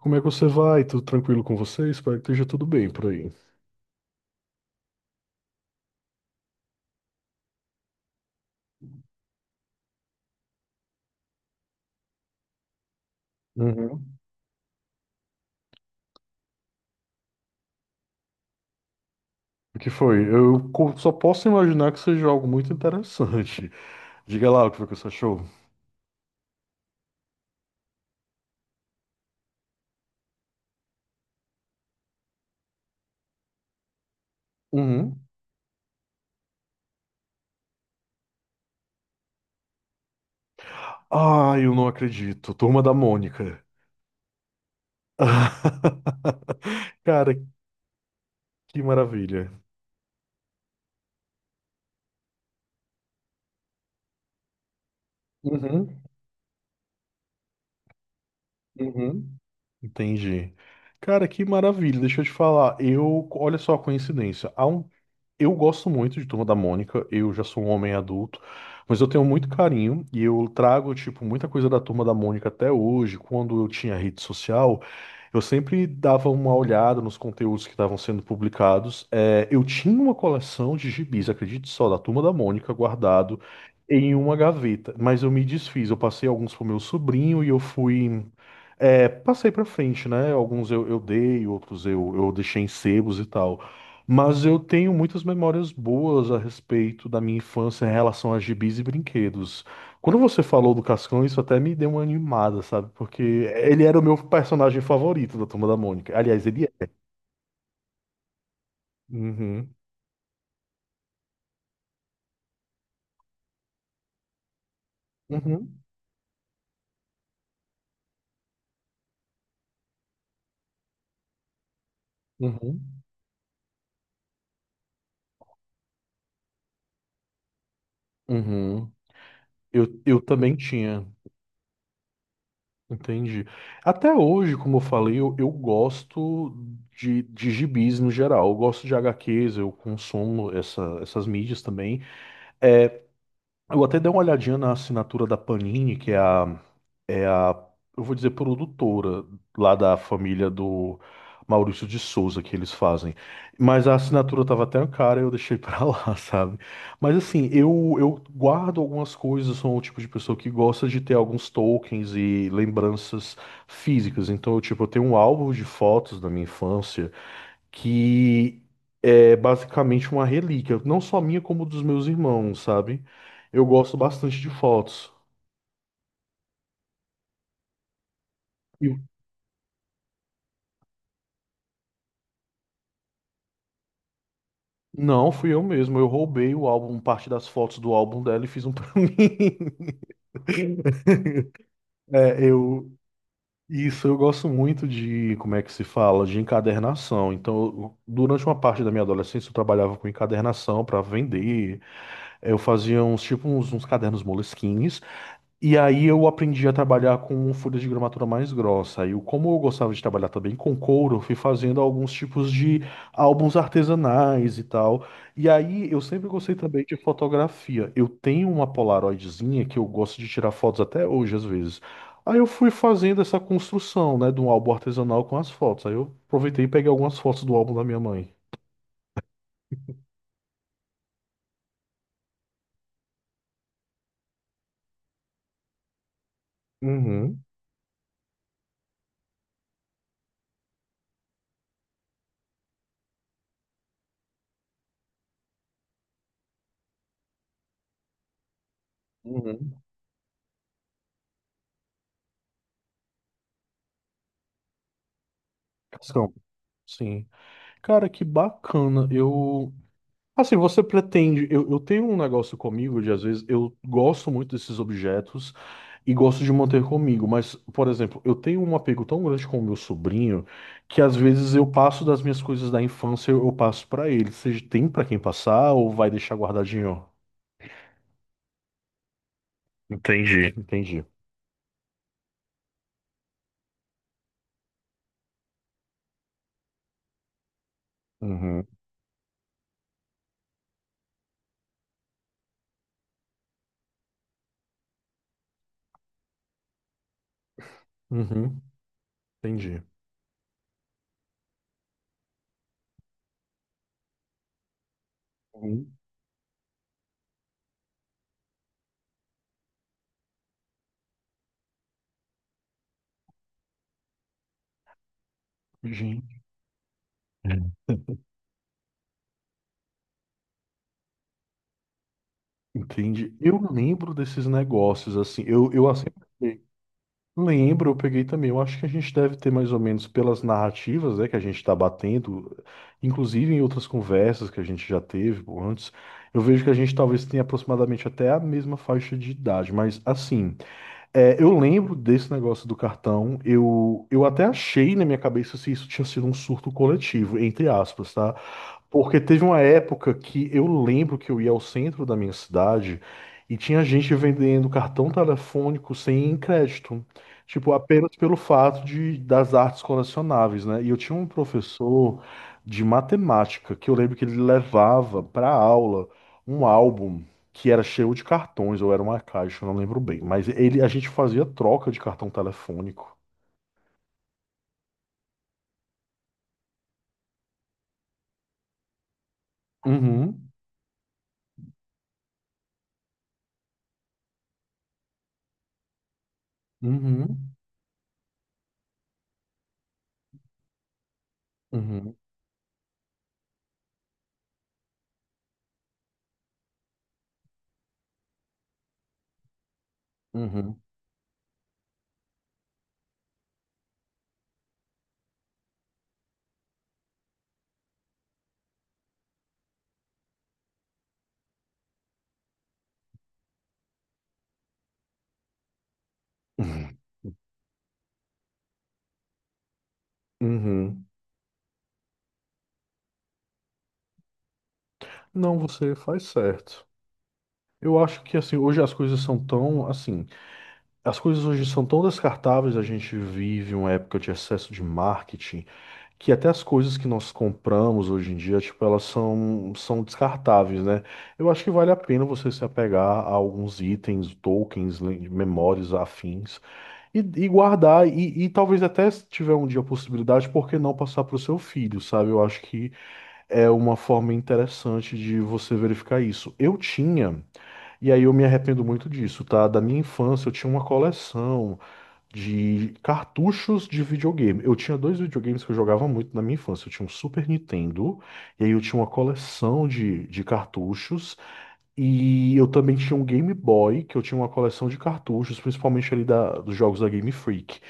Como é que você vai? Tudo tranquilo com você? Espero que esteja tudo bem por aí. Uhum. O que foi? Só posso imaginar que seja algo muito interessante. Diga lá o que foi que você achou. Uhum. Ah, eu não acredito. Turma da Mônica. Cara, que maravilha. Uhum. Uhum. Entendi. Cara, que maravilha. Deixa eu te falar. Olha só a coincidência. Eu gosto muito de Turma da Mônica, eu já sou um homem adulto, mas eu tenho muito carinho e eu trago, tipo, muita coisa da Turma da Mônica até hoje. Quando eu tinha rede social, eu sempre dava uma olhada nos conteúdos que estavam sendo publicados. É, eu tinha uma coleção de gibis, acredite só, da Turma da Mônica guardado em uma gaveta, mas eu me desfiz, eu passei alguns pro meu sobrinho e eu fui. É, passei pra frente, né? Alguns eu dei, outros eu deixei em sebos e tal. Mas eu tenho muitas memórias boas a respeito da minha infância em relação a gibis e brinquedos. Quando você falou do Cascão, isso até me deu uma animada, sabe? Porque ele era o meu personagem favorito da Turma da Mônica. Aliás, ele é. Uhum, uhum, uhum, uhum. Eu também tinha, entendi. Até hoje, como eu falei, eu gosto de gibis no geral. Eu gosto de HQs, eu consumo essas mídias também. É, eu até dei uma olhadinha na assinatura da Panini, que é a, é a, eu vou dizer, produtora lá da família do Maurício de Souza que eles fazem. Mas a assinatura tava até cara, eu deixei pra lá, sabe? Mas assim, eu guardo algumas coisas, sou o tipo de pessoa que gosta de ter alguns tokens e lembranças físicas. Então, eu, tipo, eu tenho um álbum de fotos da minha infância que é basicamente uma relíquia, não só minha, como dos meus irmãos, sabe? Eu gosto bastante de fotos. E o- Não, fui eu mesmo. Eu roubei o álbum, parte das fotos do álbum dela e fiz um pra mim. É, eu. Isso, eu gosto muito de, como é que se fala, de encadernação. Então, durante uma parte da minha adolescência, eu trabalhava com encadernação para vender. Eu fazia uns, tipo, uns cadernos moleskines. E aí eu aprendi a trabalhar com folhas de gramatura mais grossa. E como eu gostava de trabalhar também com couro, eu fui fazendo alguns tipos de álbuns artesanais e tal. E aí eu sempre gostei também de fotografia. Eu tenho uma Polaroidzinha que eu gosto de tirar fotos até hoje às vezes. Aí eu fui fazendo essa construção, né, de um álbum artesanal com as fotos. Aí eu aproveitei e peguei algumas fotos do álbum da minha mãe. Uhum. Uhum. São, sim. Cara, que bacana. Eu assim, você pretende. Eu tenho um negócio comigo de, às vezes, eu gosto muito desses objetos e gosto de manter comigo, mas, por exemplo, eu tenho um apego tão grande com o meu sobrinho que, às vezes, eu passo das minhas coisas da infância, eu passo pra ele. Seja, tem pra quem passar ou vai deixar guardadinho? Entendi, entendi. Uhum, uhum, entendi. Uhum. Gente. Entendi. Eu lembro desses negócios, assim. Eu assim. Lembro, eu peguei também. Eu acho que a gente deve ter mais ou menos pelas narrativas, né, que a gente está batendo, inclusive em outras conversas que a gente já teve pô, antes, eu vejo que a gente talvez tenha aproximadamente até a mesma faixa de idade. Mas assim, é, eu lembro desse negócio do cartão. Eu até achei na minha cabeça se isso tinha sido um surto coletivo, entre aspas, tá? Porque teve uma época que eu lembro que eu ia ao centro da minha cidade e tinha gente vendendo cartão telefônico sem crédito. Tipo, apenas pelo fato de, das artes colecionáveis, né? E eu tinha um professor de matemática que eu lembro que ele levava para aula um álbum que era cheio de cartões, ou era uma caixa, eu não lembro bem. Mas ele, a gente fazia troca de cartão telefônico. Uhum, uhum, uhum, uhum, uhum. Não, você faz certo. Eu acho que assim, hoje as coisas são tão assim, as coisas hoje são tão descartáveis, a gente vive uma época de excesso de marketing, que até as coisas que nós compramos hoje em dia, tipo, elas são, são descartáveis, né? Eu acho que vale a pena você se apegar a alguns itens, tokens, memórias afins e guardar e talvez até se tiver um dia a possibilidade, por que não passar para o seu filho, sabe? Eu acho que é uma forma interessante de você verificar isso. Eu tinha, e aí eu me arrependo muito disso, tá? Da minha infância, eu tinha uma coleção de cartuchos de videogame. Eu tinha dois videogames que eu jogava muito na minha infância. Eu tinha um Super Nintendo, e aí eu tinha uma coleção de cartuchos. E eu também tinha um Game Boy, que eu tinha uma coleção de cartuchos, principalmente ali da, dos jogos da Game Freak.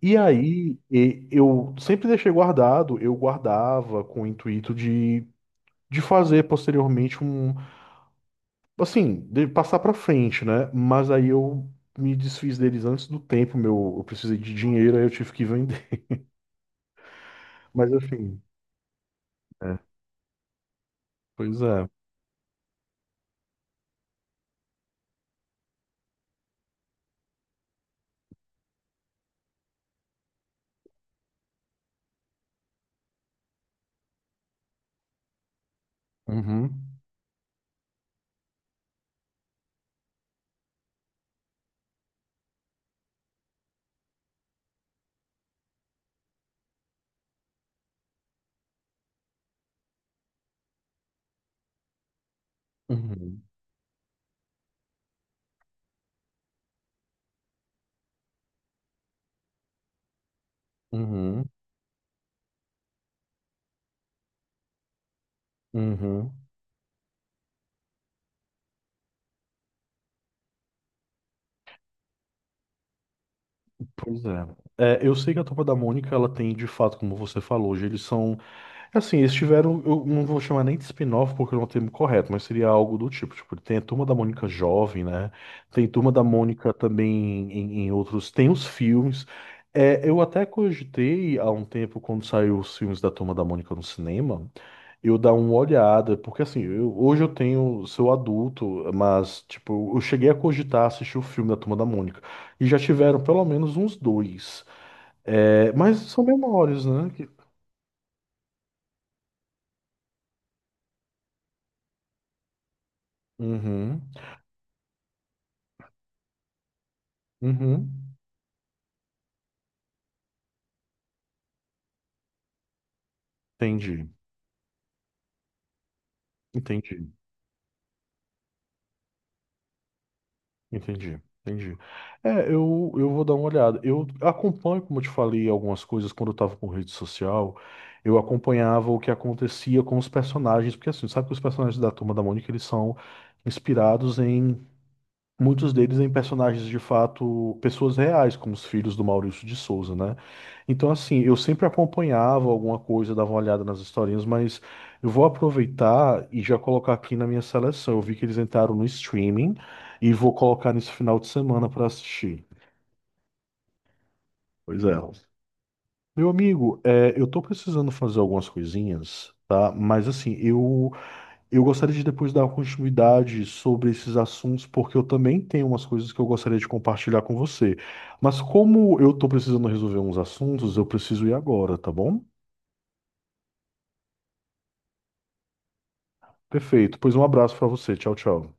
E aí, eu sempre deixei guardado, eu guardava com o intuito de fazer posteriormente um, assim, de passar pra frente, né? Mas aí eu me desfiz deles antes do tempo, meu, eu precisei de dinheiro, aí eu tive que vender. Mas enfim, é, pois é. Uhum, uhum, uhum, uhum. Pois é. É, eu sei que a Turma da Mônica, ela tem, de fato, como você falou, hoje eles são assim, eles tiveram, eu não vou chamar nem de spin-off porque não é o termo correto, mas seria algo do tipo, tipo, tem a Turma da Mônica jovem, né? Tem Turma da Mônica também em, em outros, tem os filmes. É, eu até cogitei há um tempo, quando saiu os filmes da Turma da Mônica no cinema, eu dar uma olhada, porque assim, hoje eu tenho, sou adulto, mas, tipo, eu cheguei a cogitar assistir o filme da Turma da Mônica, e já tiveram pelo menos uns dois. É, mas são memórias, né? que- Uhum. Uhum. Entendi, entendi, entendi, entendi. É, eu vou dar uma olhada. Eu acompanho, como eu te falei, algumas coisas quando eu estava com rede social. Eu acompanhava o que acontecia com os personagens, porque assim, sabe que os personagens da Turma da Mônica, eles são inspirados em muitos deles em personagens de fato, pessoas reais, como os filhos do Maurício de Souza, né? Então, assim, eu sempre acompanhava alguma coisa, dava uma olhada nas historinhas, mas eu vou aproveitar e já colocar aqui na minha seleção. Eu vi que eles entraram no streaming e vou colocar nesse final de semana para assistir. Pois é. Meu amigo, é, eu tô precisando fazer algumas coisinhas, tá? Mas, assim, eu. Eu gostaria de depois dar continuidade sobre esses assuntos, porque eu também tenho umas coisas que eu gostaria de compartilhar com você. Mas como eu estou precisando resolver uns assuntos, eu preciso ir agora, tá bom? Perfeito. Pois um abraço para você. Tchau, tchau.